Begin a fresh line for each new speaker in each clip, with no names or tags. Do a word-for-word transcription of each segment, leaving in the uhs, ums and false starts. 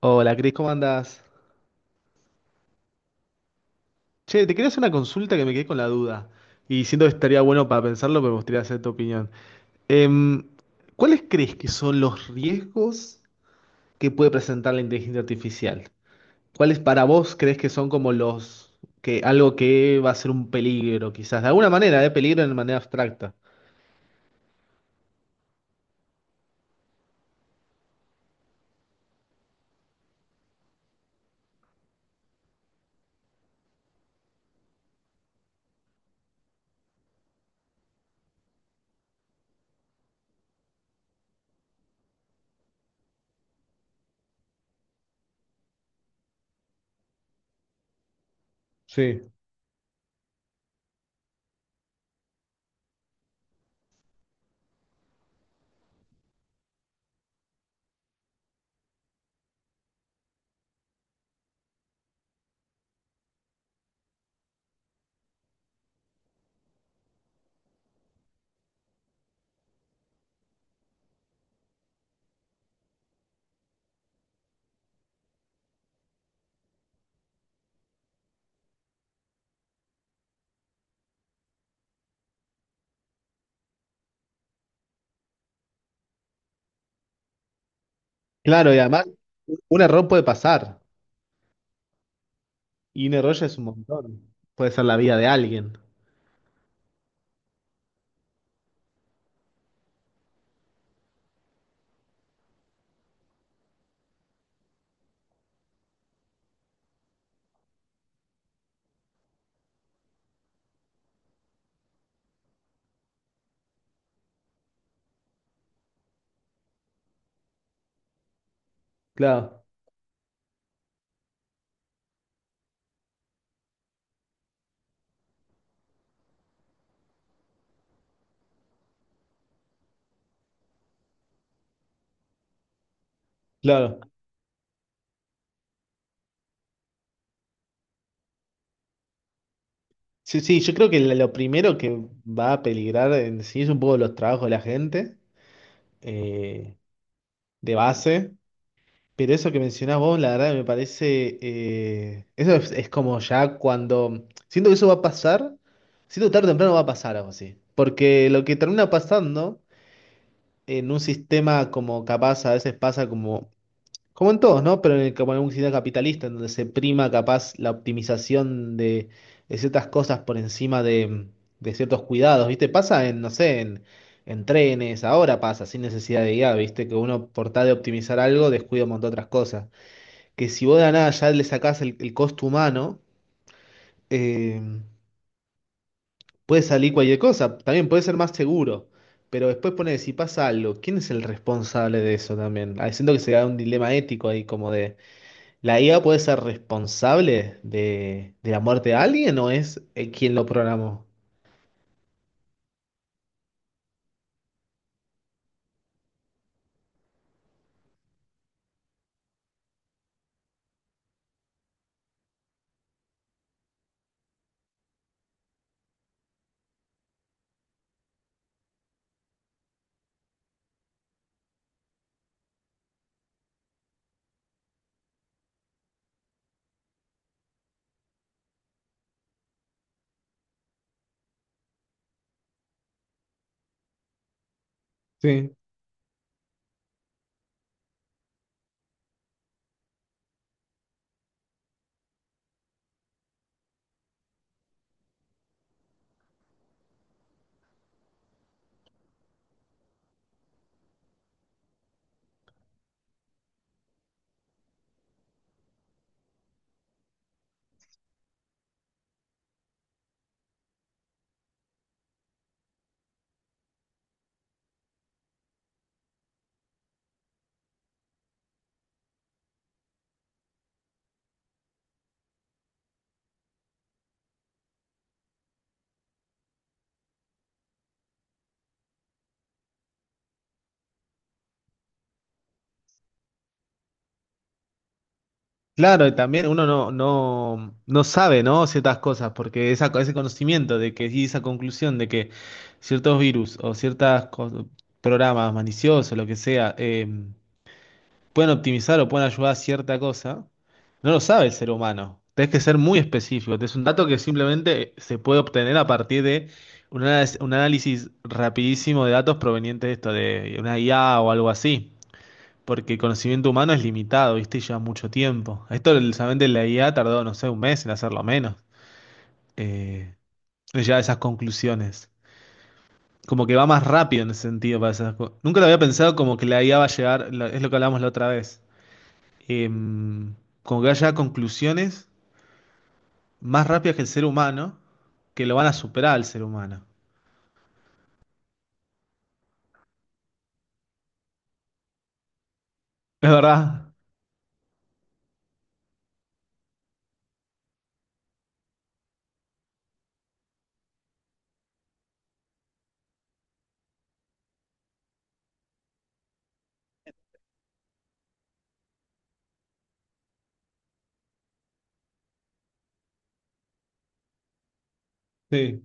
Hola, Cris, ¿cómo andás? Che, te quería hacer una consulta que me quedé con la duda. Y siento que estaría bueno para pensarlo, pero me gustaría hacer tu opinión. Em, ¿cuáles crees que son los riesgos que puede presentar la inteligencia artificial? ¿Cuáles para vos crees que son como los que algo que va a ser un peligro, quizás? De alguna manera, ¿eh? Peligro de manera abstracta. Sí. Claro, y además, un error puede pasar. Y un error ya es un montón. Puede ser la vida de alguien. Claro, claro. Sí, sí, yo creo que lo primero que va a peligrar en sí es un poco los trabajos de la gente, eh, de base, pero eso que mencionás vos, la verdad me parece, eh, eso es, es como ya cuando, siento que eso va a pasar, siento que tarde o temprano va a pasar algo así, porque lo que termina pasando en un sistema como capaz a veces pasa como como en todos, ¿no? Pero en el, como en un sistema capitalista, en donde se prima capaz la optimización de, de ciertas cosas por encima de, de ciertos cuidados, ¿viste? Pasa en, no sé, en, en trenes, ahora pasa, sin necesidad de I a, ¿viste? Que uno por tal de optimizar algo descuida un montón de otras cosas. Que si vos de la nada ya le sacás el, el costo humano, eh, puede salir cualquier cosa, también puede ser más seguro. Pero después pone, si pasa algo, ¿quién es el responsable de eso también? Ah, siento que se da un dilema ético ahí, como de... ¿La I A puede ser responsable de, de la muerte de alguien o es eh, quien lo programó? Sí. Claro, y también uno no, no, no sabe, ¿no? Ciertas cosas, porque esa, ese conocimiento de que y esa conclusión de que ciertos virus o ciertos programas maliciosos, lo que sea, eh, pueden optimizar o pueden ayudar a cierta cosa, no lo sabe el ser humano. Tenés que ser muy específico. Es un dato que simplemente se puede obtener a partir de un análisis, un análisis rapidísimo de datos provenientes de esto, de una I A o algo así. Porque el conocimiento humano es limitado, ¿viste? Y lleva mucho tiempo. Esto solamente la I A tardó, no sé, un mes en hacerlo menos. Eh, ya esas conclusiones. Como que va más rápido en ese sentido para esas co- nunca lo había pensado como que la I A va a llegar, lo- es lo que hablamos la otra vez, em, como que haya conclusiones más rápidas que el ser humano, que lo van a superar al ser humano. Es verdad. Sí.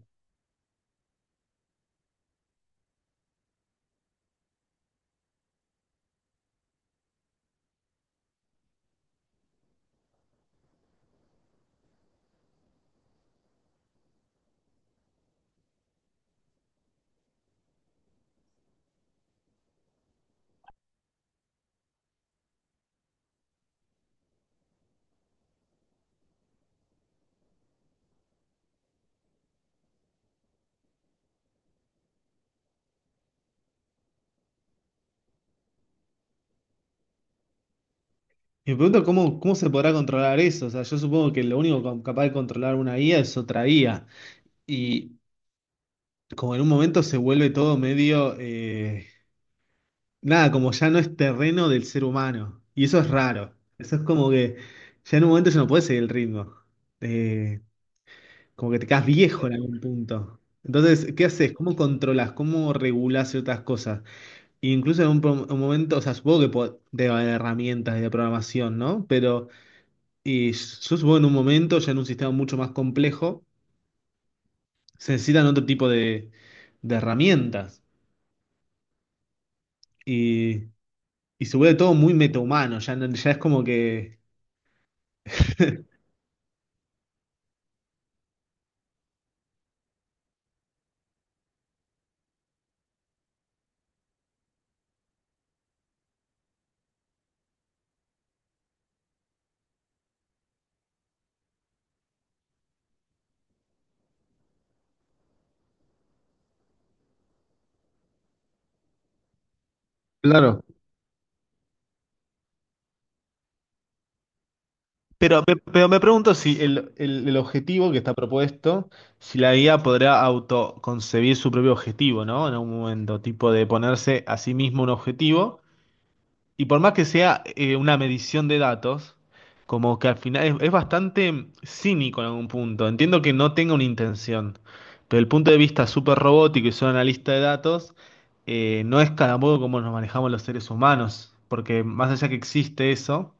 Y me pregunto cómo, cómo se podrá controlar eso. O sea, yo supongo que lo único ca- capaz de controlar una I A es otra I A. Y como en un momento se vuelve todo medio... eh, nada, como ya no es terreno del ser humano. Y eso es raro. Eso es como que ya en un momento ya no puede seguir el ritmo. Eh, Como que te quedas viejo en algún punto. Entonces, ¿qué haces? ¿Cómo controlas? ¿Cómo regulas ciertas cosas? E incluso en un, pro- un momento, o sea, supongo que po- debe haber herramientas de programación, ¿no? Pero y yo supongo en un momento, ya en un sistema mucho más complejo, se necesitan otro tipo de, de herramientas. Y, y se vuelve todo muy metahumano, ya, no- ya es como que... Claro. Pero, me- pero me pregunto si el, el- el objetivo que está propuesto, si la guía podrá autoconcebir su propio objetivo, ¿no? En algún momento, tipo de ponerse a sí mismo un objetivo, y por más que sea eh, una medición de datos, como que al final es, es bastante cínico en algún punto. Entiendo que no tenga una intención, pero el punto de vista súper robótico y solo analista de datos, eh, no es cada modo como nos manejamos los seres humanos, porque más allá que existe eso.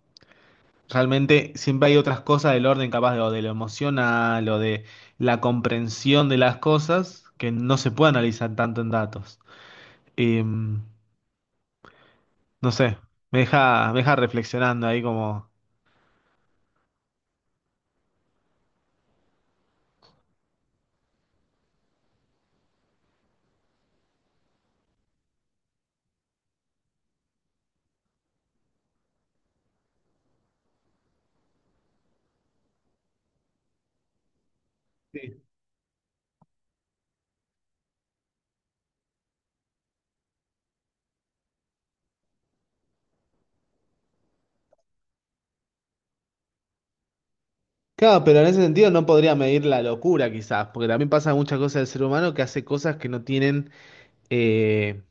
Realmente siempre hay otras cosas del orden, capaz de, o de lo emocional o de la comprensión de las cosas que no se puede analizar tanto en datos. Eh, no sé, me deja, me deja reflexionando ahí como... Sí. Claro, pero en ese sentido no podría medir la locura quizás, porque también pasa muchas cosas del ser humano que hace cosas que no tienen, eh,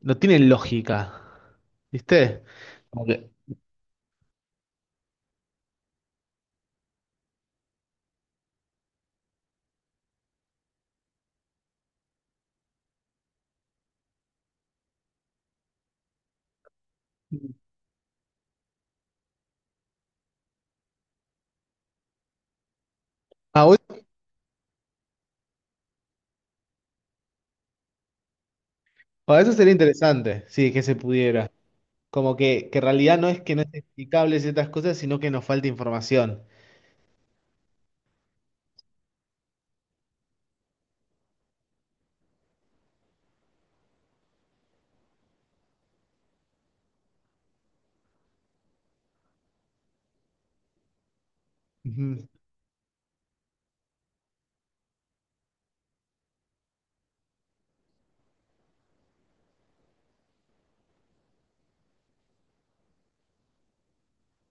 no tienen lógica, ¿viste? Como que... Ah, bueno, ah, eso sería interesante, sí, que se pudiera. Como que, que en realidad no es que no es explicable ciertas cosas, sino que nos falta información. Ujú.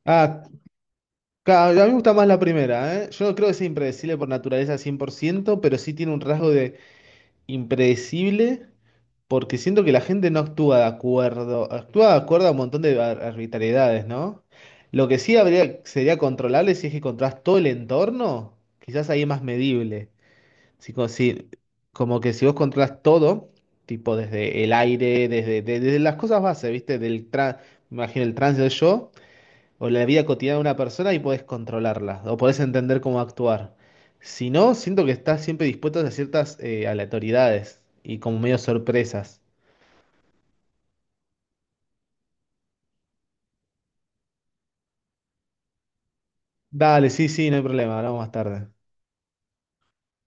Ah, ca- a mí me gusta más la primera, ¿eh? Yo no creo que sea impredecible por naturaleza cien por ciento, pero sí tiene un rasgo de impredecible porque siento que la gente no actúa de acuerdo, actúa de acuerdo a un montón de ar- arbitrariedades, ¿no? Lo que sí habría, sería controlable si es que controlas todo el entorno, quizás ahí es más medible. Sí, como, si... como que si vos controlas todo, tipo desde el aire, desde, de- desde las cosas bases, ¿viste? Del tra- me imagino el trance del yo o la vida cotidiana de una persona y podés controlarla o podés entender cómo actuar. Si no, siento que estás siempre dispuesto a ciertas eh, aleatoriedades y como medio sorpresas. Dale, sí, sí, no hay problema, hablamos más tarde.